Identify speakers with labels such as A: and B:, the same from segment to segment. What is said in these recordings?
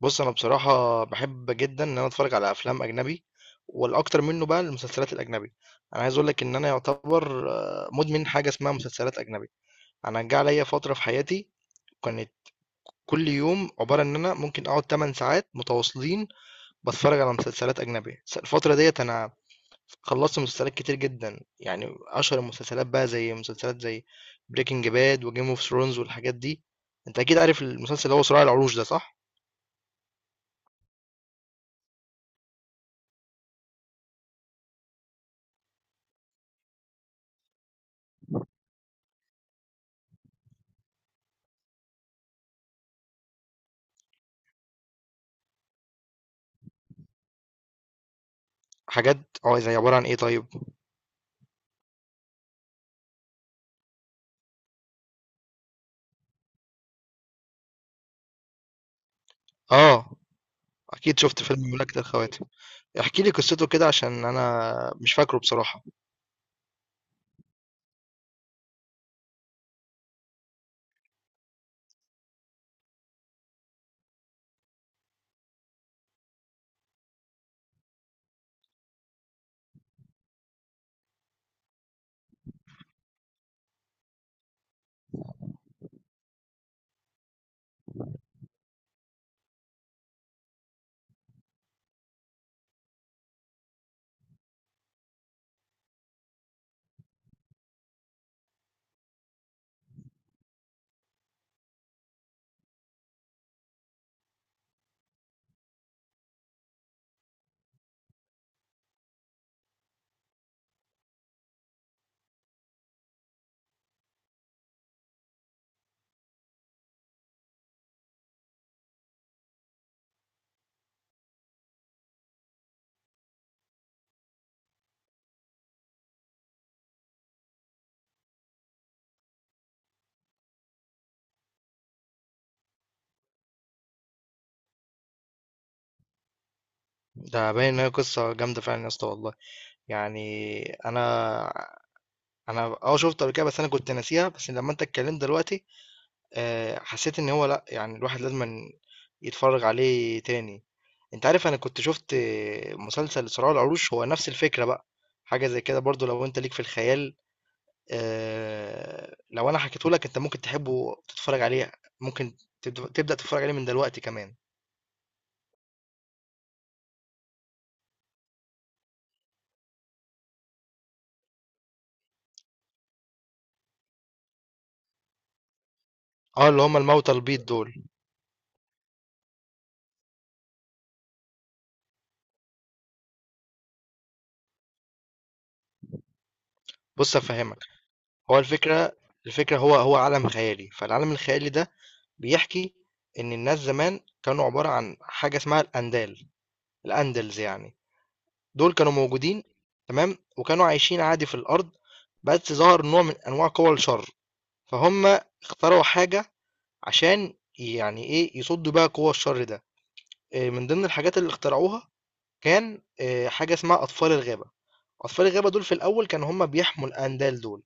A: بص، انا بصراحه بحب جدا ان انا اتفرج على افلام اجنبي. والاكتر منه بقى المسلسلات الاجنبي. انا عايز اقول لك ان انا يعتبر مدمن حاجه اسمها مسلسلات اجنبي. انا جه عليا فتره في حياتي كانت كل يوم عباره ان انا ممكن اقعد 8 ساعات متواصلين بتفرج على مسلسلات اجنبي. الفتره ديت انا خلصت مسلسلات كتير جدا. يعني اشهر المسلسلات بقى زي مسلسلات زي بريكنج باد وجيم اوف ثرونز والحاجات دي. انت اكيد عارف المسلسل اللي هو صراع العروش ده، صح؟ حاجات. اه زي عباره عن ايه؟ طيب. آه، أكيد شُفت فيلم مملكة الخواتم. احكِ لي قصته كده عشان أنا مش فاكره بصراحة. ده باين إن هي قصة جامدة فعلًا يا اسطى والله. يعني أنا شُفته قبل كده، بس أنا كنت ناسيها، بس لمّا أنت اتكلمت دلوقتي حسيت إن هو لأ، يعني الواحد لازمًا يتفرّج عليه تاني. أنت عارف أنا كنت شُفت مسلسل صراع العروش، هو نفس الفكرة بقى، حاجة زي كده برضه لو أنت ليك في الخيال. لو انا حكيته لك انت ممكن تحبه وتتفرج عليه. ممكن تبدأ تتفرج عليه من دلوقتي كمان. اه، اللي هم الموتى البيض دول. بص افهمك، هو الفكرة هو عالم خيالي. فالعالم الخيالي ده بيحكي ان الناس زمان كانوا عبارة عن حاجة اسمها الاندال، الاندلز يعني. دول كانوا موجودين، تمام، وكانوا عايشين عادي في الارض. بس ظهر نوع من انواع قوى الشر، فهم اخترعوا حاجة عشان يعني ايه يصدوا بيها قوى الشر ده. من ضمن الحاجات اللي اخترعوها كان حاجة اسمها أطفال الغابة. أطفال الغابة دول في الأول كانوا هم بيحموا الأندال دول،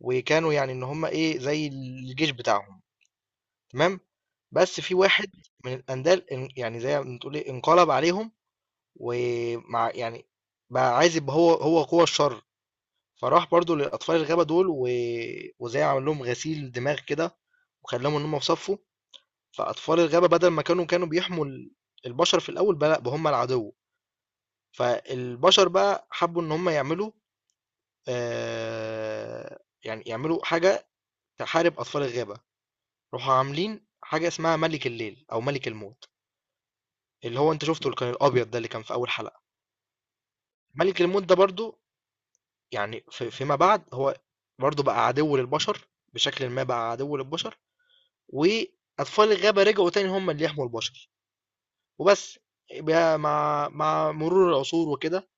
A: وكانوا يعني إن هم إيه زي الجيش بتاعهم. تمام. بس في واحد من الأندال يعني زي ما تقول إيه انقلب عليهم، ومع يعني بقى عايز يبقى هو قوة الشر. فراح برضو لأطفال الغابة دول وزي عمل لهم غسيل دماغ كده، وخلاهم إن هم في صفه. فأطفال الغابة بدل ما كانوا بيحموا البشر في الأول، بقى لأ، بقى هم العدو. فالبشر بقى حبوا ان هم يعملوا يعني يعملوا حاجة تحارب اطفال الغابة. راحوا عاملين حاجة اسمها ملك الليل او ملك الموت، اللي هو انت شفته اللي كان الابيض ده اللي كان في اول حلقة. ملك الموت ده برضو يعني فيما بعد هو برضو بقى عدو للبشر، بشكل ما بقى عدو للبشر، واطفال الغابة رجعوا تاني هم اللي يحموا البشر وبس. بقى مع مرور العصور وكده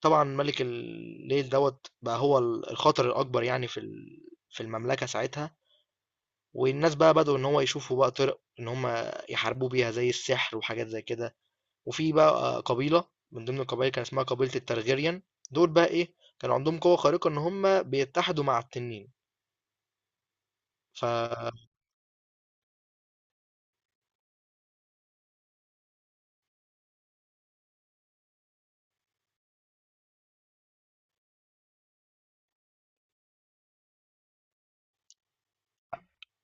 A: طبعًا مَلِك الليل دوّة بقى هو الخطر الأكبر يعني في ال في المملكة ساعتها، والناس بقى بدؤوا إن هو يشوفوا بقى طِرِق إن هم يحاربوه بيها زي السحر وحاجات زي كده. وفي بقى قبيلة من ضمن القبايل كان اسمها قبيلة الTargaryen، دول بقى إيه، كانوا عندهم قوة خارقة إن هم بيتحدوا مع التنين. ف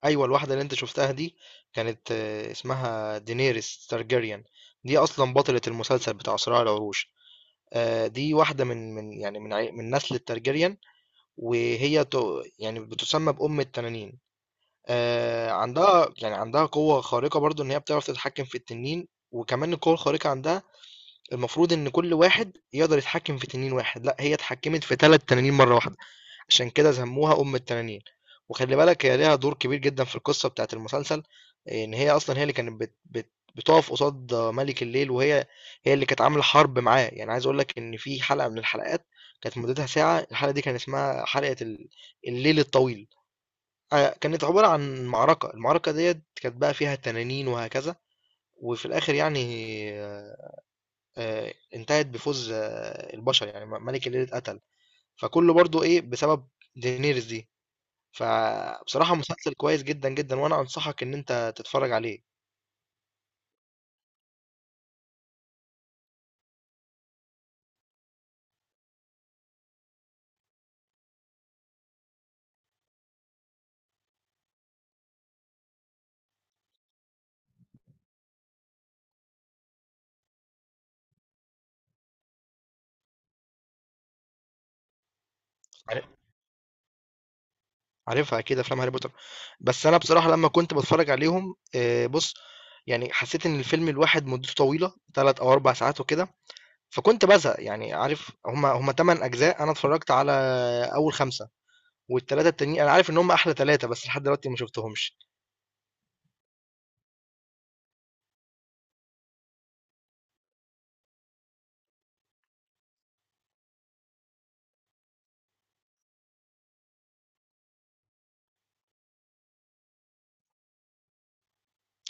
A: أيوه، الواحدة اللي أنت شُفتها دي كانت اسمها Daenerys Targaryen. دي أصلًا بطلة المسلسل بتاع صراع العروش. دي واحدة من يعني من نسل الTargaryen. وهي ت... يعني بتسمى بأم التنانين. عندها يعني عندها قوة خارقة برضو إن هي بتعرف تتحكم في التنين. وكمان القوة الخارقة عندها المفروض إن كل واحد يقدر يتحكم في تنين واحد، لا هي اتحكمت في ثلاث تنانين مرة واحدة، عشان كده سموها أم التنانين. وخلي بالك هي ليها دور كبير جدا في القصة بتاعت المسلسل. إن هي أصلا هي اللي كانت بت بت بتقف قصاد ملك الليل، وهي اللي كانت عاملة حرب معاه. يعني عايز أقول لك إن في حلقة من الحلقات كانت مدتها ساعة، الحلقة دي كان اسمها حلقة الليل الطويل. كانت عبارة عن معركة. المعركة ديت كانت بقى فيها تنانين وهكذا. وفي الآخر يعني آه، انتهت بفوز البشر يعني ملك الليل اتقتل، فكله برضو إيه بسبب دينيرز دي. فبصراحة مسلسل كويس جدا جدا، وانا انصحك ان انت تتفرج عليه. عار- عارفها اكيد افلام هاري بوتر، بس انا بصراحة لما كنت بتفرج عليهم بص. يعني حسيت ان الفيلم الواحد مدته طويلة ثلاث او اربع ساعات وكده فكنت بزهق. يعني عارف، هما تمن اجزاء، انا اتفرجت على اول خمسة، والثلاثة التانيين انا عارف ان هما احلى ثلاثة بس لحد دلوقتي ما شفتهمش.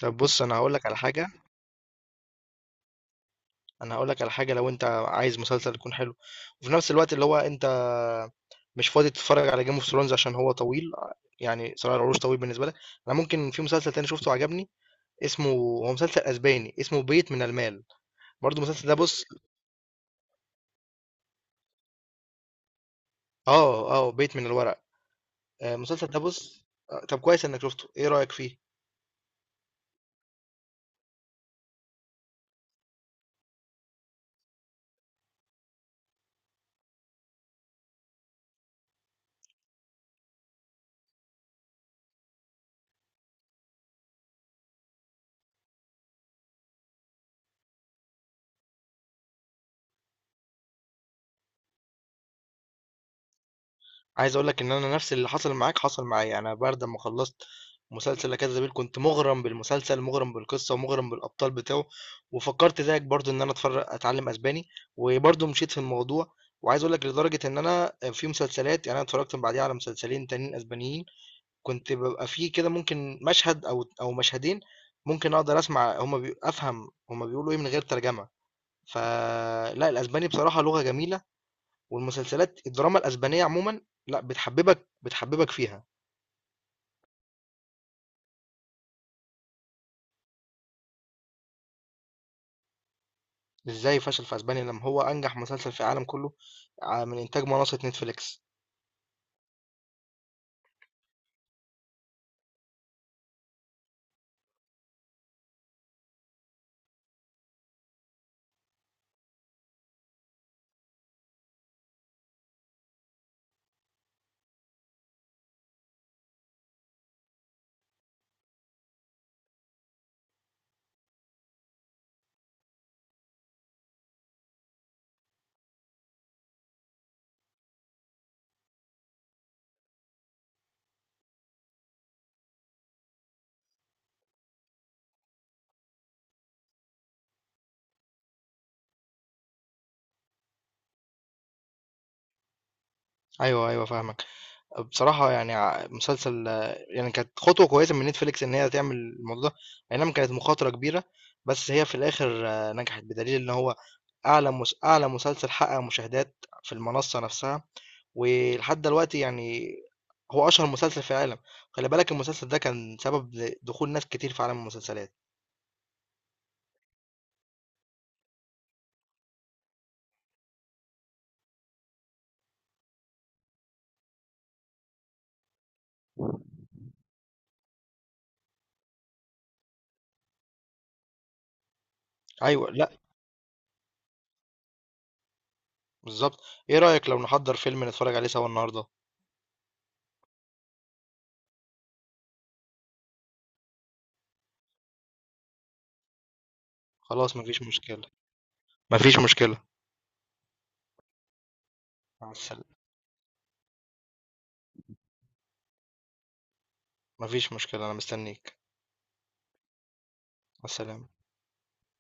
A: طب بص، انا هقول لك على حاجه لو انت عايز مسلسل يكون حلو وفي نفس الوقت اللي هو انت مش فاضي تتفرج على جيم اوف ثرونز عشان هو طويل. يعني صراع العروش طويل بالنسبه لك. انا ممكن، في مسلسل تاني شفته عجبني، اسمه هو مسلسل اسباني اسمه بيت من المال. برضو المسلسل ده بص. اه، اه، بيت من الورق. المسلسل ده بص. طب كويس انك شفته، ايه رايك فيه؟ عايز اقول لك ان انا نفس اللي حصل معاك حصل معايا. يعني انا بعد ما خلصت مسلسل لا كذا بيل كنت مغرم بالمسلسل، مغرم بالقصه، ومغرم بالابطال بتاعه، وفكرت زيك برضو ان انا اتفرج اتعلم اسباني وبرضو مشيت في الموضوع. وعايز اقول لك لدرجه ان انا في مسلسلات، يعني انا اتفرجت بعديها على مسلسلين تانيين اسبانيين كنت ببقى فيه كده ممكن مشهد او مشهدين ممكن اقدر اسمع هما افهم هما بيقولوا ايه من غير ترجمه. فلا الاسباني بصراحه لغه جميله، والمسلسلات الدراما الأسبانية عمومًا لأ، بتحببك بتحببك فيها. إزاي فشل في أسبانيا لمّا هو أنجح مسلسل في العالم كله؟ من إنتاج منصة Netflix. أيوه، أيوه، فاهمك. بصراحة يعني ع مسلسل آه، يعني كانت خطوة كويسة من Netflix إن هي تعمل الموضوع ده. أي نعم كانت مخاطرة كبيرة، بس هي في الآخر نجحت، بدليل إن هو أعلى مسلسل حقق مشاهدات في المنصة نفسها. ولحد دلوقتي يعني هو اشهر مسلسل في العالم. خلي بالك المسلسل ده كان سبب دخول ناس كتير في عالم المسلسلات. ايوه، لا، بالظبط. ايه رأيك لو نحضر فيلم نتفرج عليه سوا النهارده؟ خلاص، مفيش مشكلة. مفيش مشكلة. مع السلامة. مفيش مشكلة، انا مستنيك. مع السلامة.